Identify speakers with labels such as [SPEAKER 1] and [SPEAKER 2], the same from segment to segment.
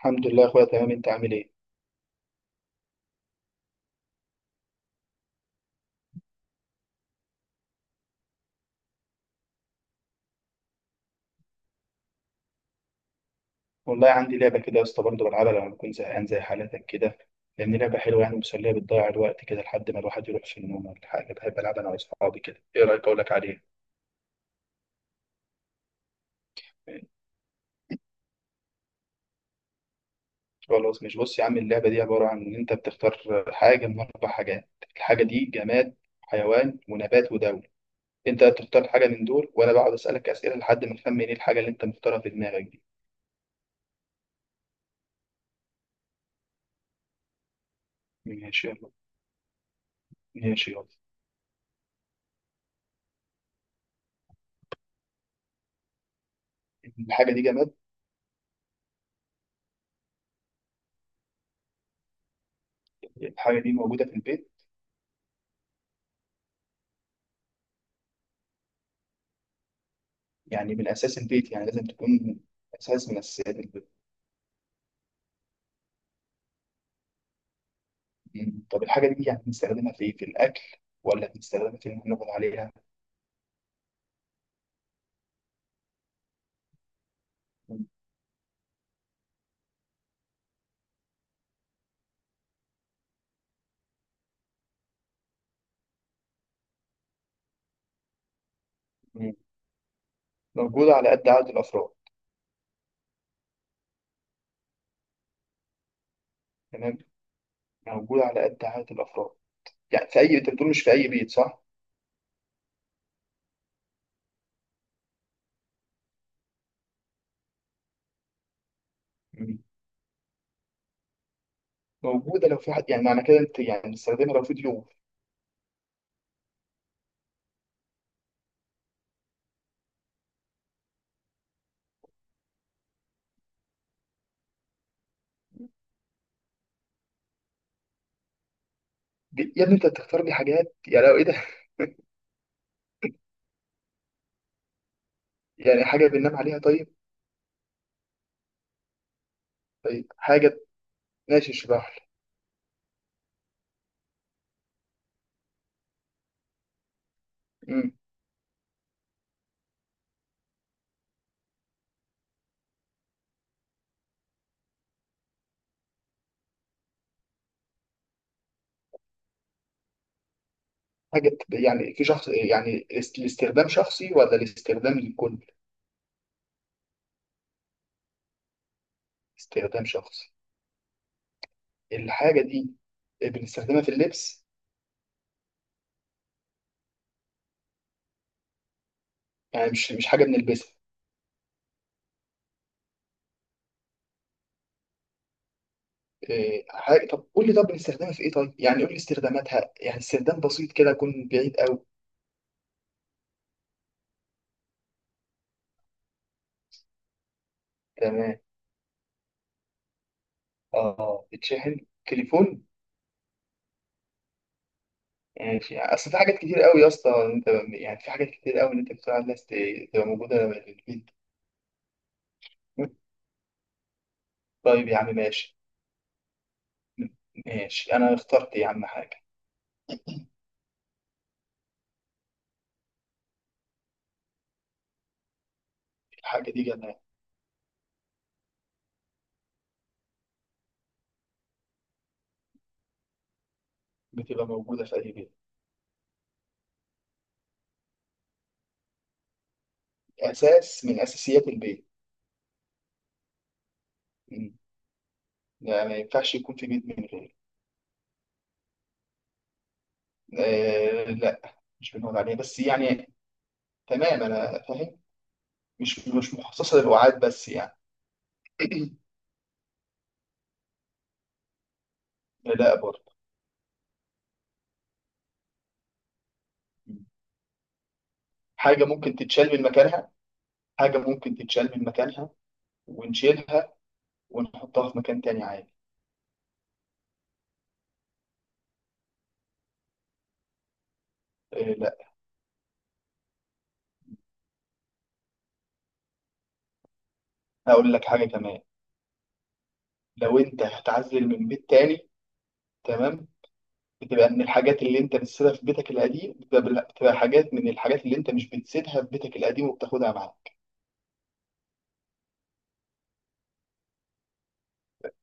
[SPEAKER 1] الحمد لله يا اخويا، تمام. انت عامل ايه؟ والله عندي لعبه كده يا اسطى، برضه بلعبها لما بكون زهقان زي حالتك كده. لان لعبه حلوه يعني مسليه، بتضيع الوقت كده لحد ما الواحد يروح في النوم ولا حاجه. بحب العبها انا واصحابي كده. ايه رايك اقول لك عليها؟ خلاص. مش بص يا عم، اللعبه دي عباره عن ان انت بتختار حاجه من اربع حاجات. الحاجه دي جماد، حيوان، ونبات، ودولة. انت بتختار حاجه من دول وانا بقعد اسالك اسئله لحد ما نخمن ايه الحاجه اللي انت مختارها في دماغك دي. ماشي يلا. ماشي يلا. الحاجه دي جماد. الحاجه دي موجوده في البيت. يعني من اساس البيت، يعني لازم تكون. اساس من اساسيات البيت. مم. طب الحاجه دي يعني بنستخدمها في ايه؟ في الاكل ولا بنستخدمها في ان احنا نقعد عليها؟ مم. موجوده على قد عدد الافراد. تمام. موجوده على قد عدد الافراد. يعني في اي، انت بتقول مش في اي بيت، صح؟ مم. موجوده لو في حد، يعني معنى كده انت يعني بنستخدمها لو في ضيوف؟ يا ابني انت بتختار لي حاجات، يعني لو ايه ده يعني حاجه بننام عليها طيب؟ طيب حاجه. ماشي اشرح لي. مم. حاجه يعني في شخص، يعني الاستخدام شخصي ولا الاستخدام للكل؟ استخدام شخصي. الحاجة دي، بنستخدمها في اللبس؟ يعني مش حاجة بنلبسها؟ إيه، حاجة. طب قول لي، طب بنستخدمها في ايه طيب؟ يعني قول لي استخداماتها، يعني استخدام بسيط كده يكون بعيد قوي. تمام. اه بتشحن. تليفون. ماشي. يعني اصل في حاجات كتير قوي يا اسطى انت. يعني في حاجات كتير قوي انت بتقول على الناس تبقى موجودة في البيت طيب يا عم ماشي. ماشي انا اخترت يا عم حاجة. الحاجة دي جنة. بتبقى موجودة في اي بيت. اساس من اساسيات البيت. يعني ما ينفعش يكون في بيت من غير. آه لا، مش بنقعد عليه بس يعني. تمام انا فاهم. مش مخصصه للوعاد بس يعني. لا برضه. حاجه ممكن تتشال من مكانها. حاجه ممكن تتشال من مكانها. ونشيلها، ونحطها في مكان تاني عادي. آه لا. هقول لك حاجه كمان. لو انت هتعزل من بيت تاني، تمام، بتبقى من الحاجات اللي انت بتسيبها في بيتك القديم، بتبقى حاجات من الحاجات اللي انت مش بتسيبها في بيتك القديم وبتاخدها معاك.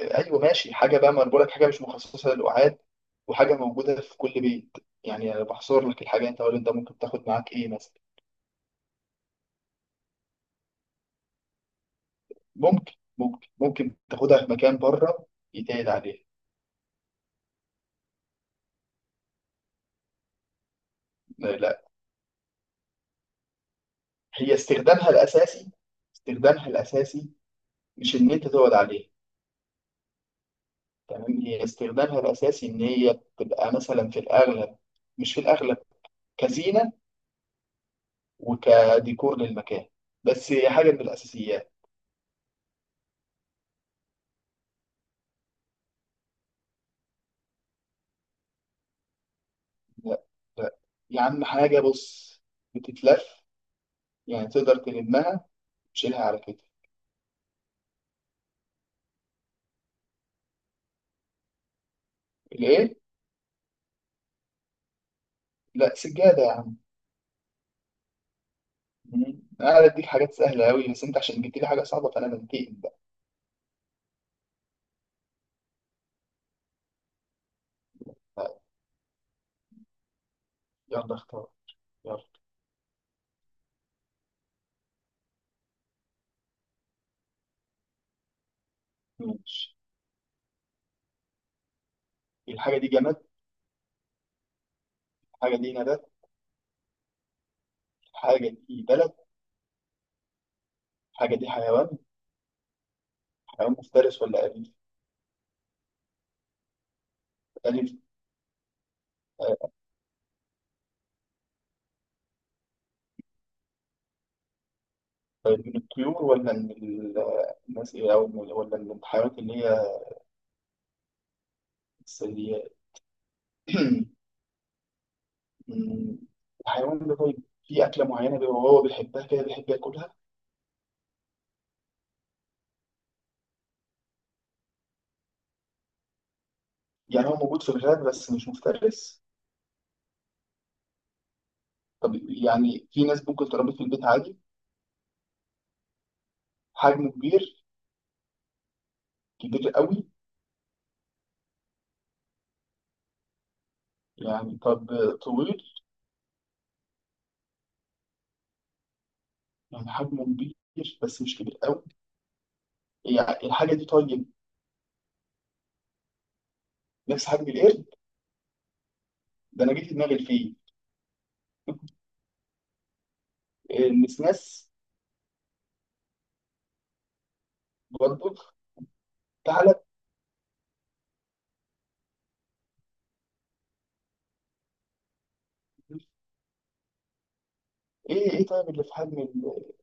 [SPEAKER 1] ايوه ماشي حاجه بقى، ما انا بقول لك حاجه مش مخصصه للقعاد، وحاجه موجوده في كل بيت. يعني انا بحصر لك الحاجه، انت قول انت ممكن تاخد معاك ايه مثلا. ممكن تاخدها في مكان بره يتقعد عليها. لا, لا. هي استخدامها الاساسي. استخدامها الاساسي. مش ان انت تقعد عليها. تمام. هي استخدامها الاساسي ان هي تبقى مثلا في الاغلب، مش في الاغلب، كزينه وكديكور للمكان. بس هي حاجه من الاساسيات. لا لا. يا عم حاجه، بص. بتتلف. يعني تقدر تلمها، تشيلها على كتفك. الايه؟ لا سجاده يا عم. مم. انا قاعد اديك حاجات سهله قوي، بس انت عشان جبت لي حاجه صعبه فانا بنتقم بقى. طيب، يلا اختار. يلا. ماشي. الحاجه دي جماد. الحاجه دي نبات. الحاجه دي بلد. الحاجه دي حيوان. حيوان مفترس ولا اليف؟ اليف. آه، من الطيور ولا من الناس، او ولا من الحيوانات اللي هي؟ الثدييات. مم. الحيوان ده طيب، في اكله معينه بيبقى هو بيحبها كده بيحب ياكلها؟ يعني هو موجود في الغابة بس مش مفترس. طب يعني في ناس ممكن تربي في البيت عادي؟ حجمه كبير. كبير قوي. يعني طب. طويل. يعني حجمه كبير بس مش كبير قوي. يعني الحاجة دي طيب؟ نفس حجم القرد. ده أنا جه في دماغي الفيل. النسناس. برضه. تعالى. إيه إيه. طيب اللي في حجم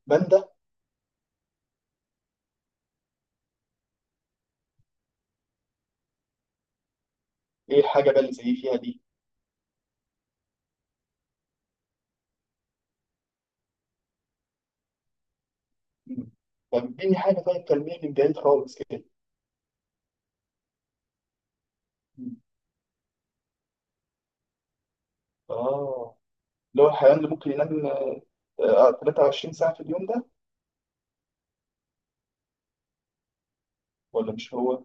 [SPEAKER 1] الباندا. إيه حاجة بقى اللي زي فيها دي؟ مم. طب إديني حاجة طيب تلميح من بعيد خالص كده. مم. آه. اللي هو الحيوان اللي ممكن ينام 23 ساعة في اليوم ده؟ ولا مش هو؟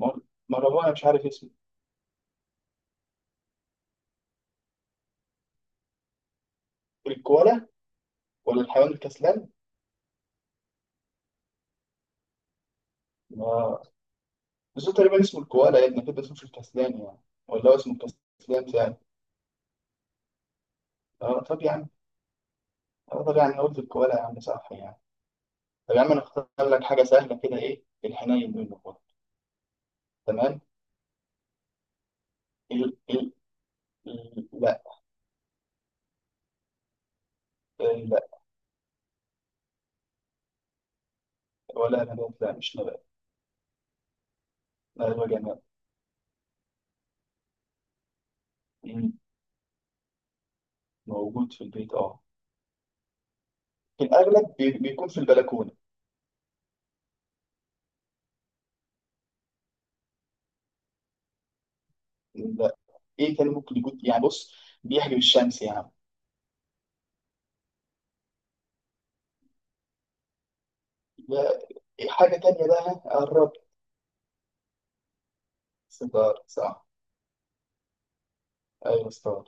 [SPEAKER 1] ما ما هو أنا مش عارف اسمه. الكوالا ولا الحيوان الكسلان؟ اه. بس هو تقريبا اسمه الكوالا يعني أكيد، بس مش الكسلان يعني. ولا هو اسمه الكسلان يعني. اه طب يا عم. اه طب يا عم أنا قلت الكوالا يا عم صح يعني. طب يا عم أنا أختار لك حاجة سهلة كده، إيه الحنين منه خالص. تمام؟ ال لا. لا. ولا نبات؟ لا مش نبات. لا هو جماد. مم. موجود في البيت اه. في الأغلب بيكون في البلكونة. لا. إيه تاني ممكن يكون؟ يعني بص، بيحجب الشمس يا عم. لا. إيه حاجة تانية بقى؟ قرب. صدار صح. ايوه استاذ.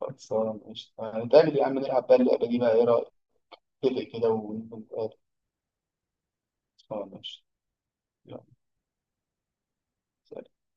[SPEAKER 1] خلصانة ماشي. هنتقابل يا عم نلعب بقى اللعبة دي بقى، ايه رأيك؟ اتفق كده ونقعد. خلصانة ماشي يلا. سلام.